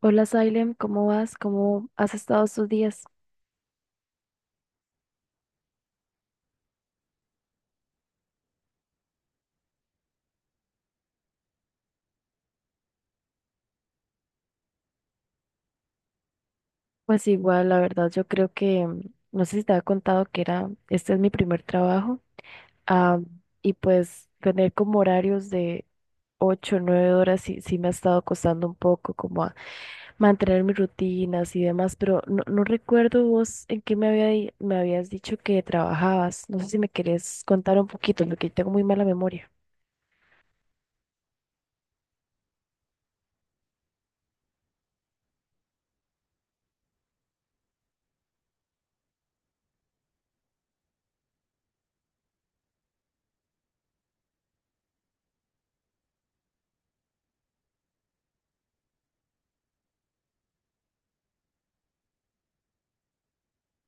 Hola, Salem, ¿cómo vas? ¿Cómo has estado estos días? Pues igual, la verdad, yo creo que no sé si te había contado que era, este es mi primer trabajo, ah, y pues tener como horarios de ocho, o 9 horas sí, sí me ha estado costando un poco como a mantener mis rutinas y demás, pero no, no recuerdo vos en qué me había, me habías dicho que trabajabas. No sé si me querés contar un poquito, porque tengo muy mala memoria.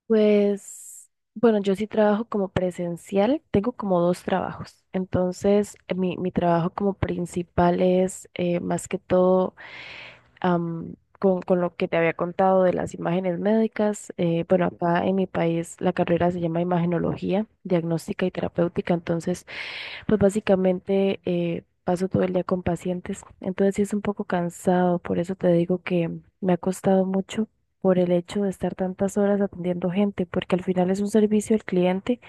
Pues, bueno, yo sí trabajo como presencial, tengo como dos trabajos. Entonces, mi trabajo como principal es más que todo con lo que te había contado de las imágenes médicas. Bueno, acá en mi país la carrera se llama imagenología, diagnóstica y terapéutica. Entonces, pues básicamente paso todo el día con pacientes, entonces sí es un poco cansado, por eso te digo que me ha costado mucho por el hecho de estar tantas horas atendiendo gente, porque al final es un servicio al cliente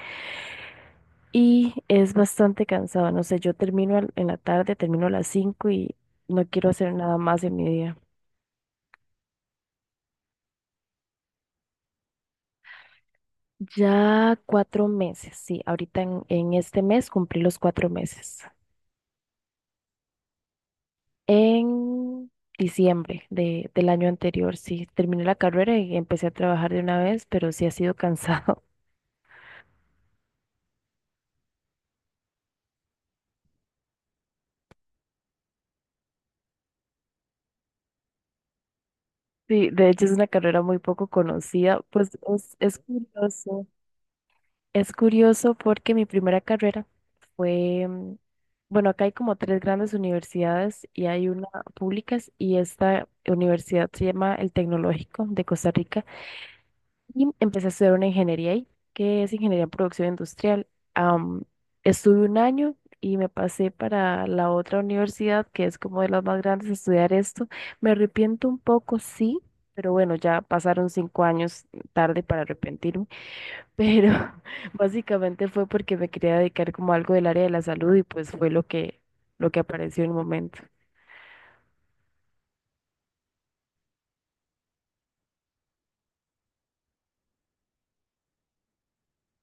y es bastante cansado. No sé, yo termino en la tarde, termino a las 5 y no quiero hacer nada más en mi día. Ya 4 meses, sí, ahorita en este mes cumplí los 4 meses. En diciembre del año anterior, sí, terminé la carrera y empecé a trabajar de una vez, pero sí ha sido cansado. Sí, de hecho es una carrera muy poco conocida. Pues es curioso. Es curioso porque mi primera carrera fue, bueno, acá hay como tres grandes universidades y hay una públicas y esta universidad se llama el Tecnológico de Costa Rica. Y empecé a estudiar una ingeniería ahí, que es ingeniería en producción industrial. Am, Estuve 1 año y me pasé para la otra universidad, que es como de las más grandes, a estudiar esto. Me arrepiento un poco, sí, pero bueno, ya pasaron 5 años tarde para arrepentirme. Pero básicamente fue porque me quería dedicar como a algo del área de la salud y pues fue lo que apareció en el momento.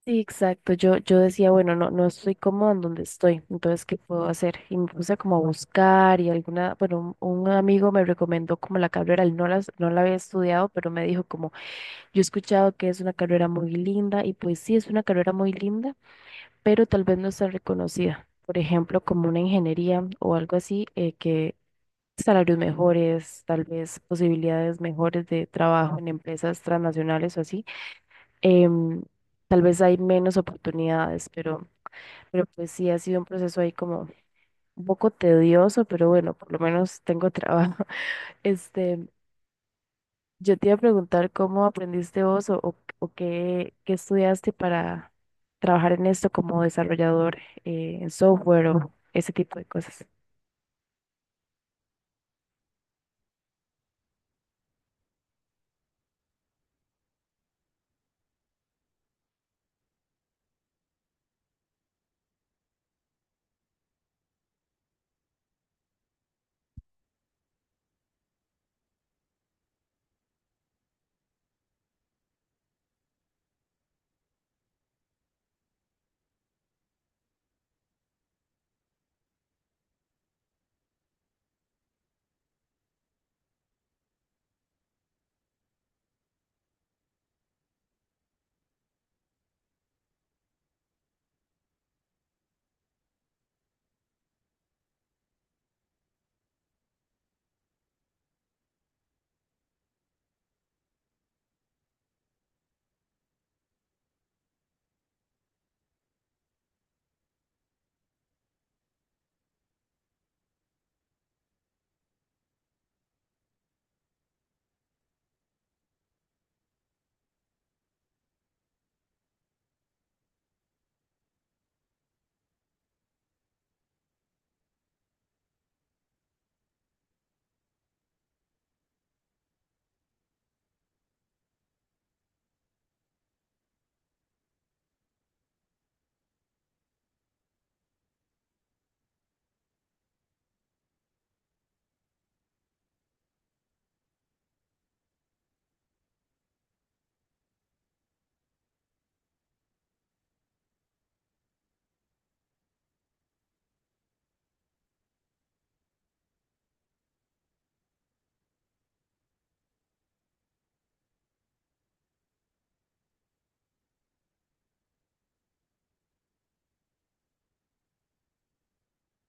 Sí, exacto. Yo decía, bueno, no, no estoy cómoda en donde estoy, entonces, ¿qué puedo hacer? Y me puse como a buscar y alguna, bueno, un amigo me recomendó como la carrera, él no no la había estudiado, pero me dijo como, yo he escuchado que es una carrera muy linda y pues sí, es una carrera muy linda, pero tal vez no está reconocida. Por ejemplo, como una ingeniería o algo así, que salarios mejores, tal vez posibilidades mejores de trabajo en empresas transnacionales o así em, tal vez hay menos oportunidades, pero pues sí ha sido un proceso ahí como un poco tedioso, pero bueno, por lo menos tengo trabajo. Este, yo te iba a preguntar cómo aprendiste vos o qué estudiaste para trabajar en esto como desarrollador en software o ese tipo de cosas.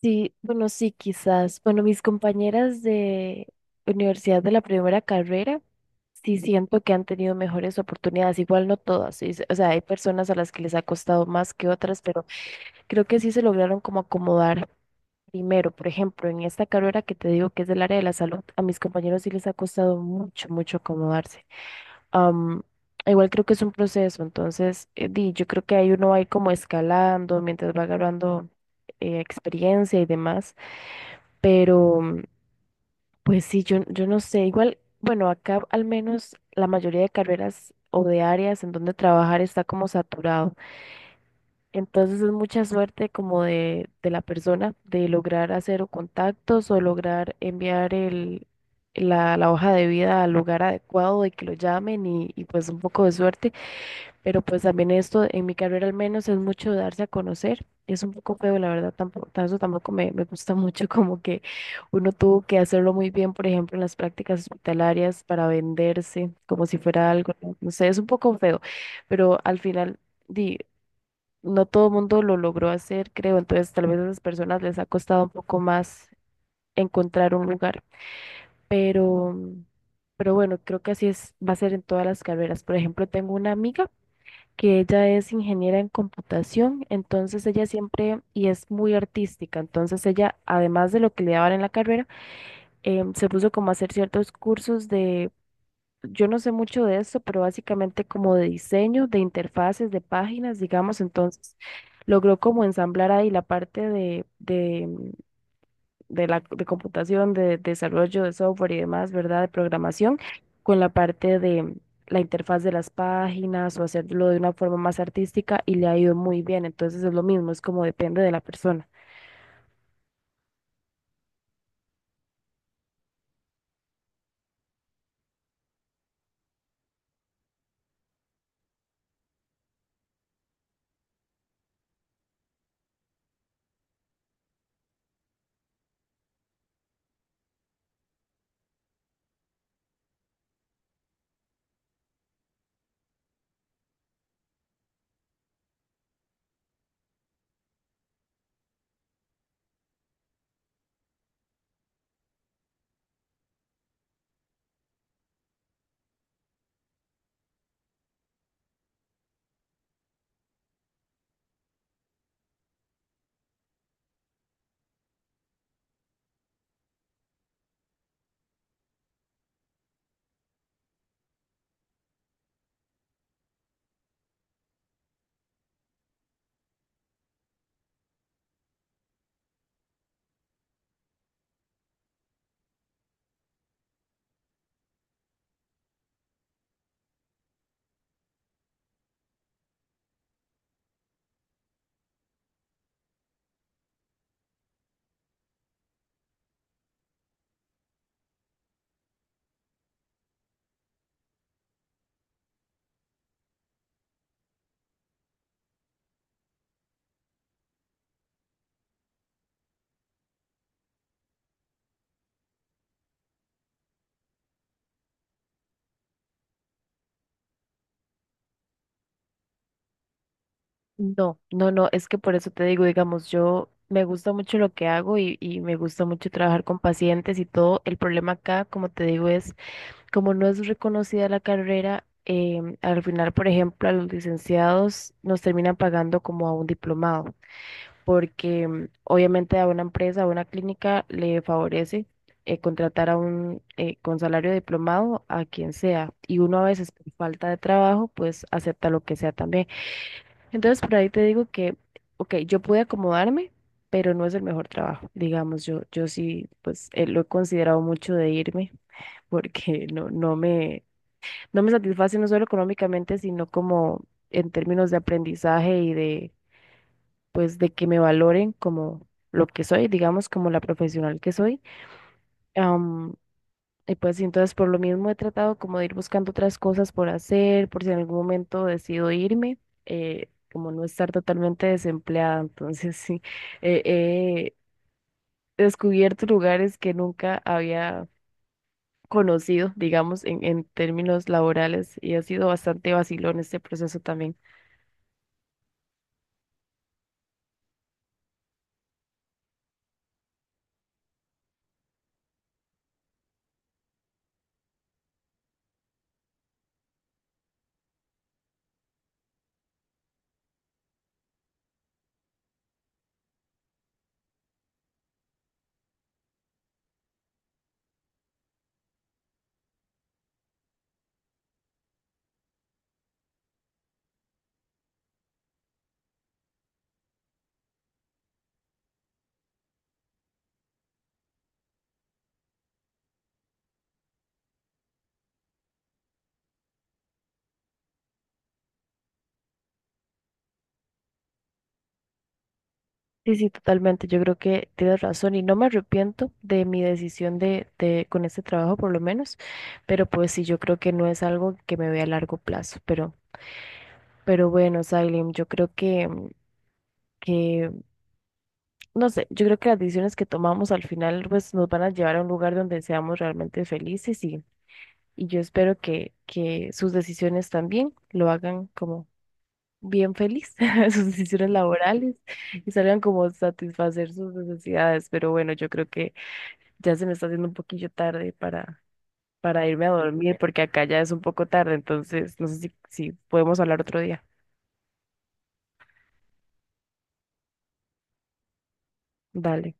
Sí, bueno, sí, quizás. Bueno, mis compañeras de universidad de la primera carrera, sí siento que han tenido mejores oportunidades. Igual no todas, sí, o sea, hay personas a las que les ha costado más que otras, pero creo que sí se lograron como acomodar primero. Por ejemplo, en esta carrera que te digo que es del área de la salud, a mis compañeros sí les ha costado mucho, mucho acomodarse. Am, Igual creo que es un proceso, entonces, yo creo que ahí uno va a ir como escalando mientras va agarrando experiencia y demás. Pero pues sí, yo no sé, igual, bueno, acá al menos la mayoría de carreras o de áreas en donde trabajar está como saturado. Entonces es mucha suerte como de la persona de lograr hacer o contactos o lograr enviar la hoja de vida al lugar adecuado y que lo llamen y pues un poco de suerte. Pero pues también esto, en mi carrera al menos, es mucho darse a conocer. Es un poco feo, la verdad, tampoco, eso tampoco me gusta mucho, como que uno tuvo que hacerlo muy bien, por ejemplo, en las prácticas hospitalarias para venderse, como si fuera algo, no no sé, es un poco feo, pero al final, di, no todo el mundo lo logró hacer, creo, entonces tal vez a esas personas les ha costado un poco más encontrar un lugar, pero, pero bueno, creo que así es, va a ser en todas las carreras. Por ejemplo, tengo una amiga que ella es ingeniera en computación, entonces ella siempre, y es muy artística, entonces ella, además de lo que le daban en la carrera, se puso como a hacer ciertos cursos de, yo no sé mucho de esto, pero básicamente como de diseño, de interfaces, de páginas, digamos, entonces logró como ensamblar ahí la parte de la de computación, de, desarrollo de software y demás, ¿verdad? De programación, con la parte de la interfaz de las páginas o hacerlo de una forma más artística y le ha ido muy bien. Entonces es lo mismo, es como depende de la persona. No, no, no, es que por eso te digo, digamos, yo me gusta mucho lo que hago y me gusta mucho trabajar con pacientes y todo. El problema acá, como te digo, es como no es reconocida la carrera, al final, por ejemplo, a los licenciados nos terminan pagando como a un diplomado. Porque obviamente a una empresa, a una clínica le favorece contratar a un con salario diplomado a quien sea y uno a veces por falta de trabajo pues acepta lo que sea también. Entonces por ahí te digo que, ok, yo pude acomodarme, pero no es el mejor trabajo, digamos, yo sí pues lo he considerado mucho de irme porque no me, no me satisface no solo económicamente, sino como en términos de aprendizaje y de pues de que me valoren como lo que soy, digamos, como la profesional que soy. Am, y pues y entonces por lo mismo he tratado como de ir buscando otras cosas por hacer, por si en algún momento decido irme, como no estar totalmente desempleada. Entonces sí, eh, he descubierto lugares que nunca había conocido, digamos, en términos laborales y ha sido bastante vacilón este proceso también. Sí, sí, totalmente. Yo creo que tienes razón y no me arrepiento de mi decisión de con este trabajo por lo menos, pero pues sí, yo creo que no es algo que me vea a largo plazo, pero bueno, Salim, yo creo que, no sé, yo creo que las decisiones que tomamos al final pues nos van a llevar a un lugar donde seamos realmente felices y yo espero que sus decisiones también lo hagan como bien feliz, sus decisiones laborales y salgan como satisfacer sus necesidades, pero bueno, yo creo que ya se me está haciendo un poquillo tarde para irme a dormir porque acá ya es un poco tarde, entonces no sé si, si podemos hablar otro día. Dale.